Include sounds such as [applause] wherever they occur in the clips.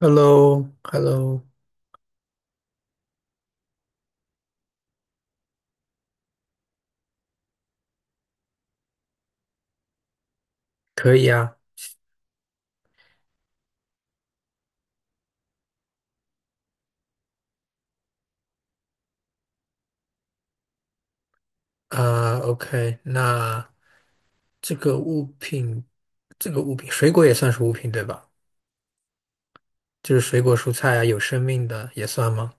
h e l l o hello 可以啊。啊，OK、OK 那这个物品，这个物品，水果也算是物品对吧？就是水果、蔬菜啊，有生命的也算吗？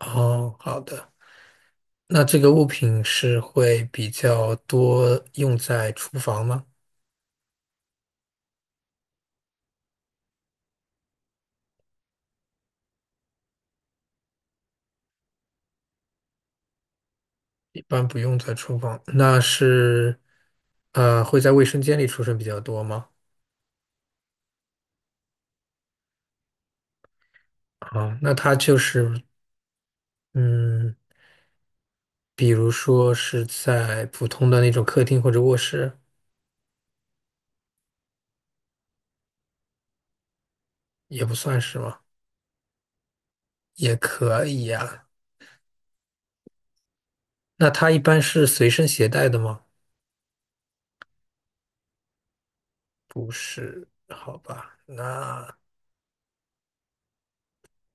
哦，好的，那这个物品是会比较多用在厨房吗？一般不用在厨房，那是，会在卫生间里出现比较多吗？啊，那它就是，嗯，比如说是在普通的那种客厅或者卧室。也不算是吗？也可以呀、那它一般是随身携带的吗？不是，好吧。那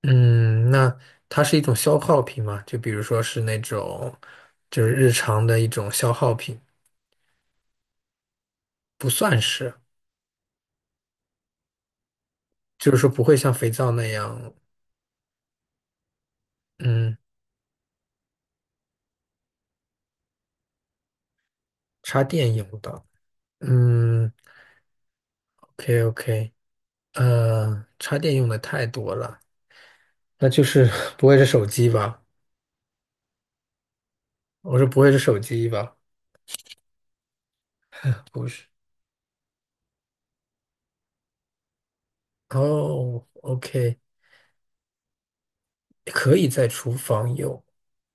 嗯，那它是一种消耗品吗？就比如说是那种，就是日常的一种消耗品，不算是，就是说不会像肥皂那样，嗯，插电用的。嗯，OK OK,插电用的太多了，那就是 [laughs] 不会是手机吧？我说不会是手机吧？[laughs] 不是。哦，OK,可以在厨房用，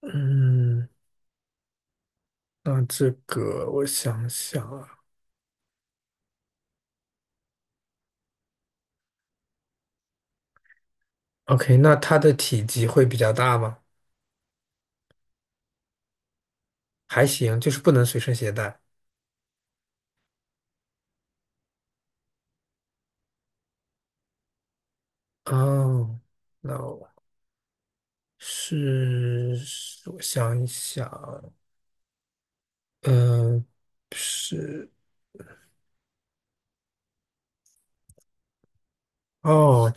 嗯，那这个我想想啊，OK,那它的体积会比较大吗？还行，就是不能随身携带。哦，那我是，我想一想，嗯、是，哦，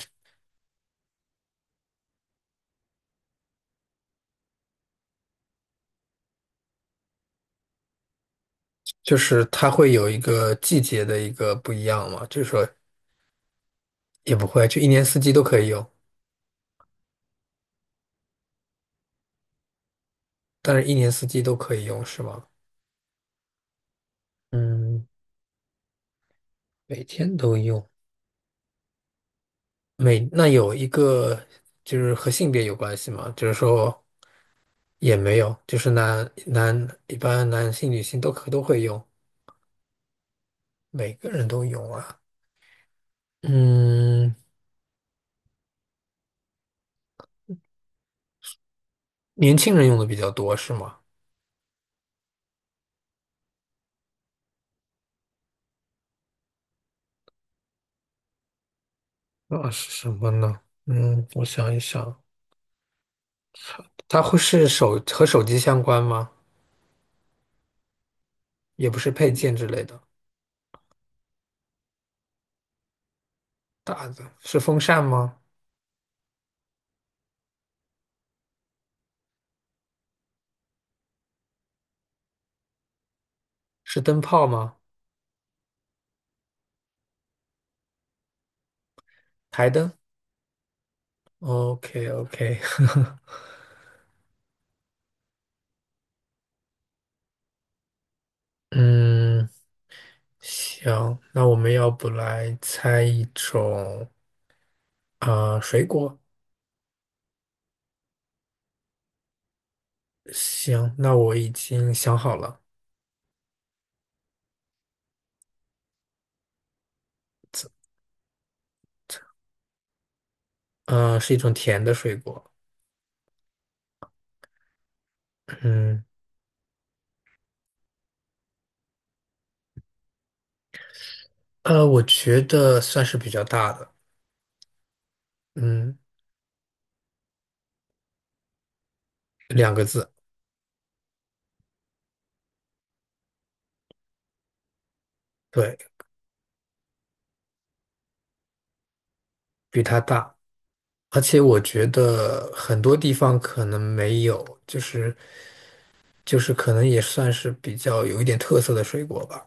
就是它会有一个季节的一个不一样嘛，就是说也不会，就一年四季都可以用，但是一年四季都可以用是吗？嗯，每天都用。那有一个就是和性别有关系吗？就是说也没有，就是男一般男性女性都都会用，每个人都用啊。嗯，年轻人用的比较多是吗？那是什么呢？嗯，我想一想，它会是手机相关吗？也不是配件之类的。大的是风扇吗？是灯泡吗？台灯？OK OK,[laughs] 嗯。行，那我们要不来猜一种水果？行，那我已经想好了，是一种甜的水果。嗯，我觉得算是比较大的，嗯，两个字，对，比它大，而且我觉得很多地方可能没有，就是可能也算是比较有一点特色的水果吧，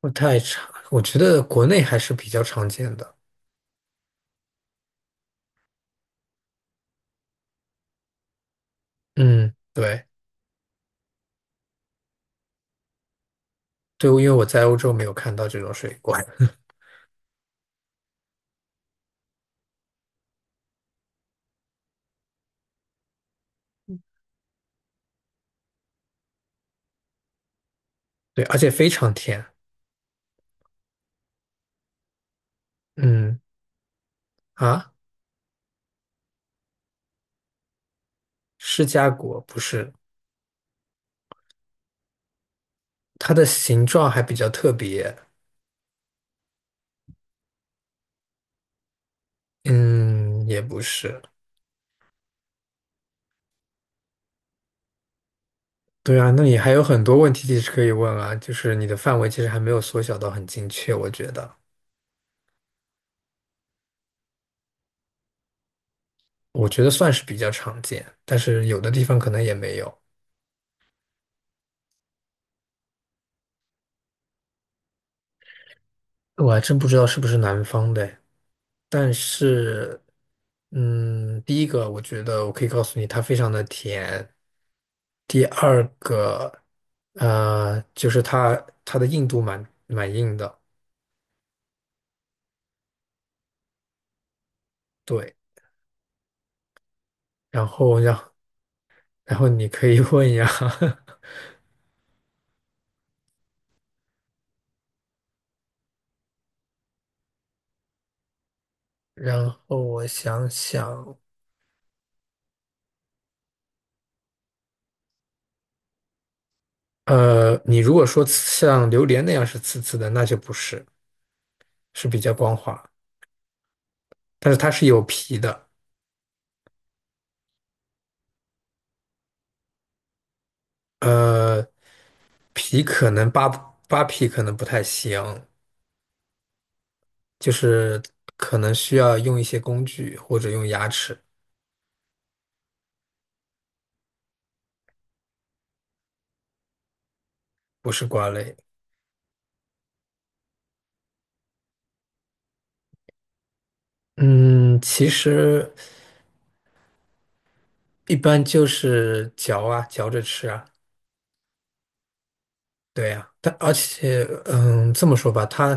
不太常，我觉得国内还是比较常见的。嗯，对。对，因为我在欧洲没有看到这种水果，[laughs] 对，而且非常甜。嗯，啊，释迦果不是，它的形状还比较特别。嗯，也不是。对啊，那你还有很多问题其实可以问啊，就是你的范围其实还没有缩小到很精确，我觉得，我觉得算是比较常见，但是有的地方可能也没有。我还真不知道是不是南方的。但是，嗯，第一个我觉得我可以告诉你，它非常的甜。第二个，就是它的硬度蛮硬的，对。然后让然后你可以 [laughs] 问呀，[laughs] 然后我想想，你如果说像榴莲那样是刺刺的，那就不是，是比较光滑，但是它是有皮的，呃，皮可能扒扒皮可能不太行。就是可能需要用一些工具或者用牙齿，不是瓜类。嗯，其实一般就是嚼啊，嚼着吃啊，对呀、但而且，嗯，这么说吧，它，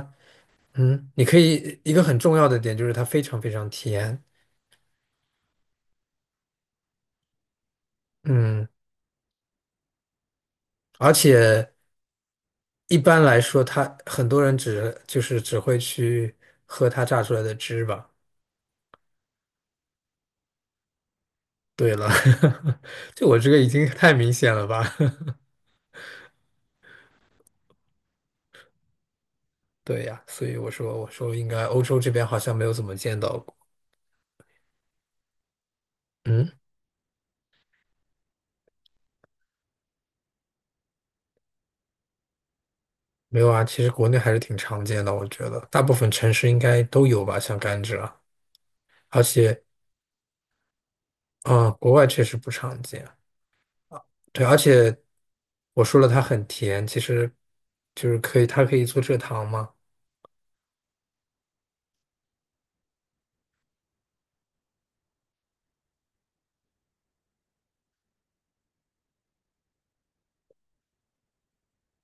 嗯，你可以一个很重要的点就是它非常非常甜，嗯，而且一般来说，它很多人只就是只会去喝它榨出来的汁吧。对了，[laughs] 就我这个已经太明显了吧？对呀，所以我说应该欧洲这边好像没有怎么见到过。嗯，没有啊，其实国内还是挺常见的，我觉得大部分城市应该都有吧，像甘蔗啊，而且啊，国外确实不常见。对，而且我说了它很甜，其实就是可以，它可以做蔗糖嘛。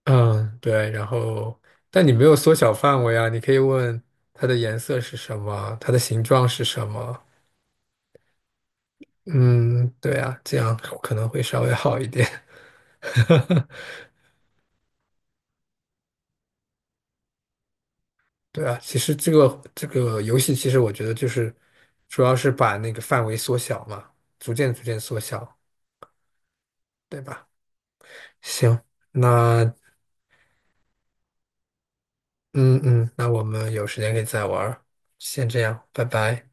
嗯，对，然后但你没有缩小范围啊，你可以问它的颜色是什么，它的形状是什么。嗯，对啊，这样可能会稍微好一点。[laughs] 对啊，其实这个游戏，其实我觉得就是主要是把那个范围缩小嘛，逐渐缩小，对吧？行，那嗯嗯，那我们有时间可以再玩儿，先这样，拜拜。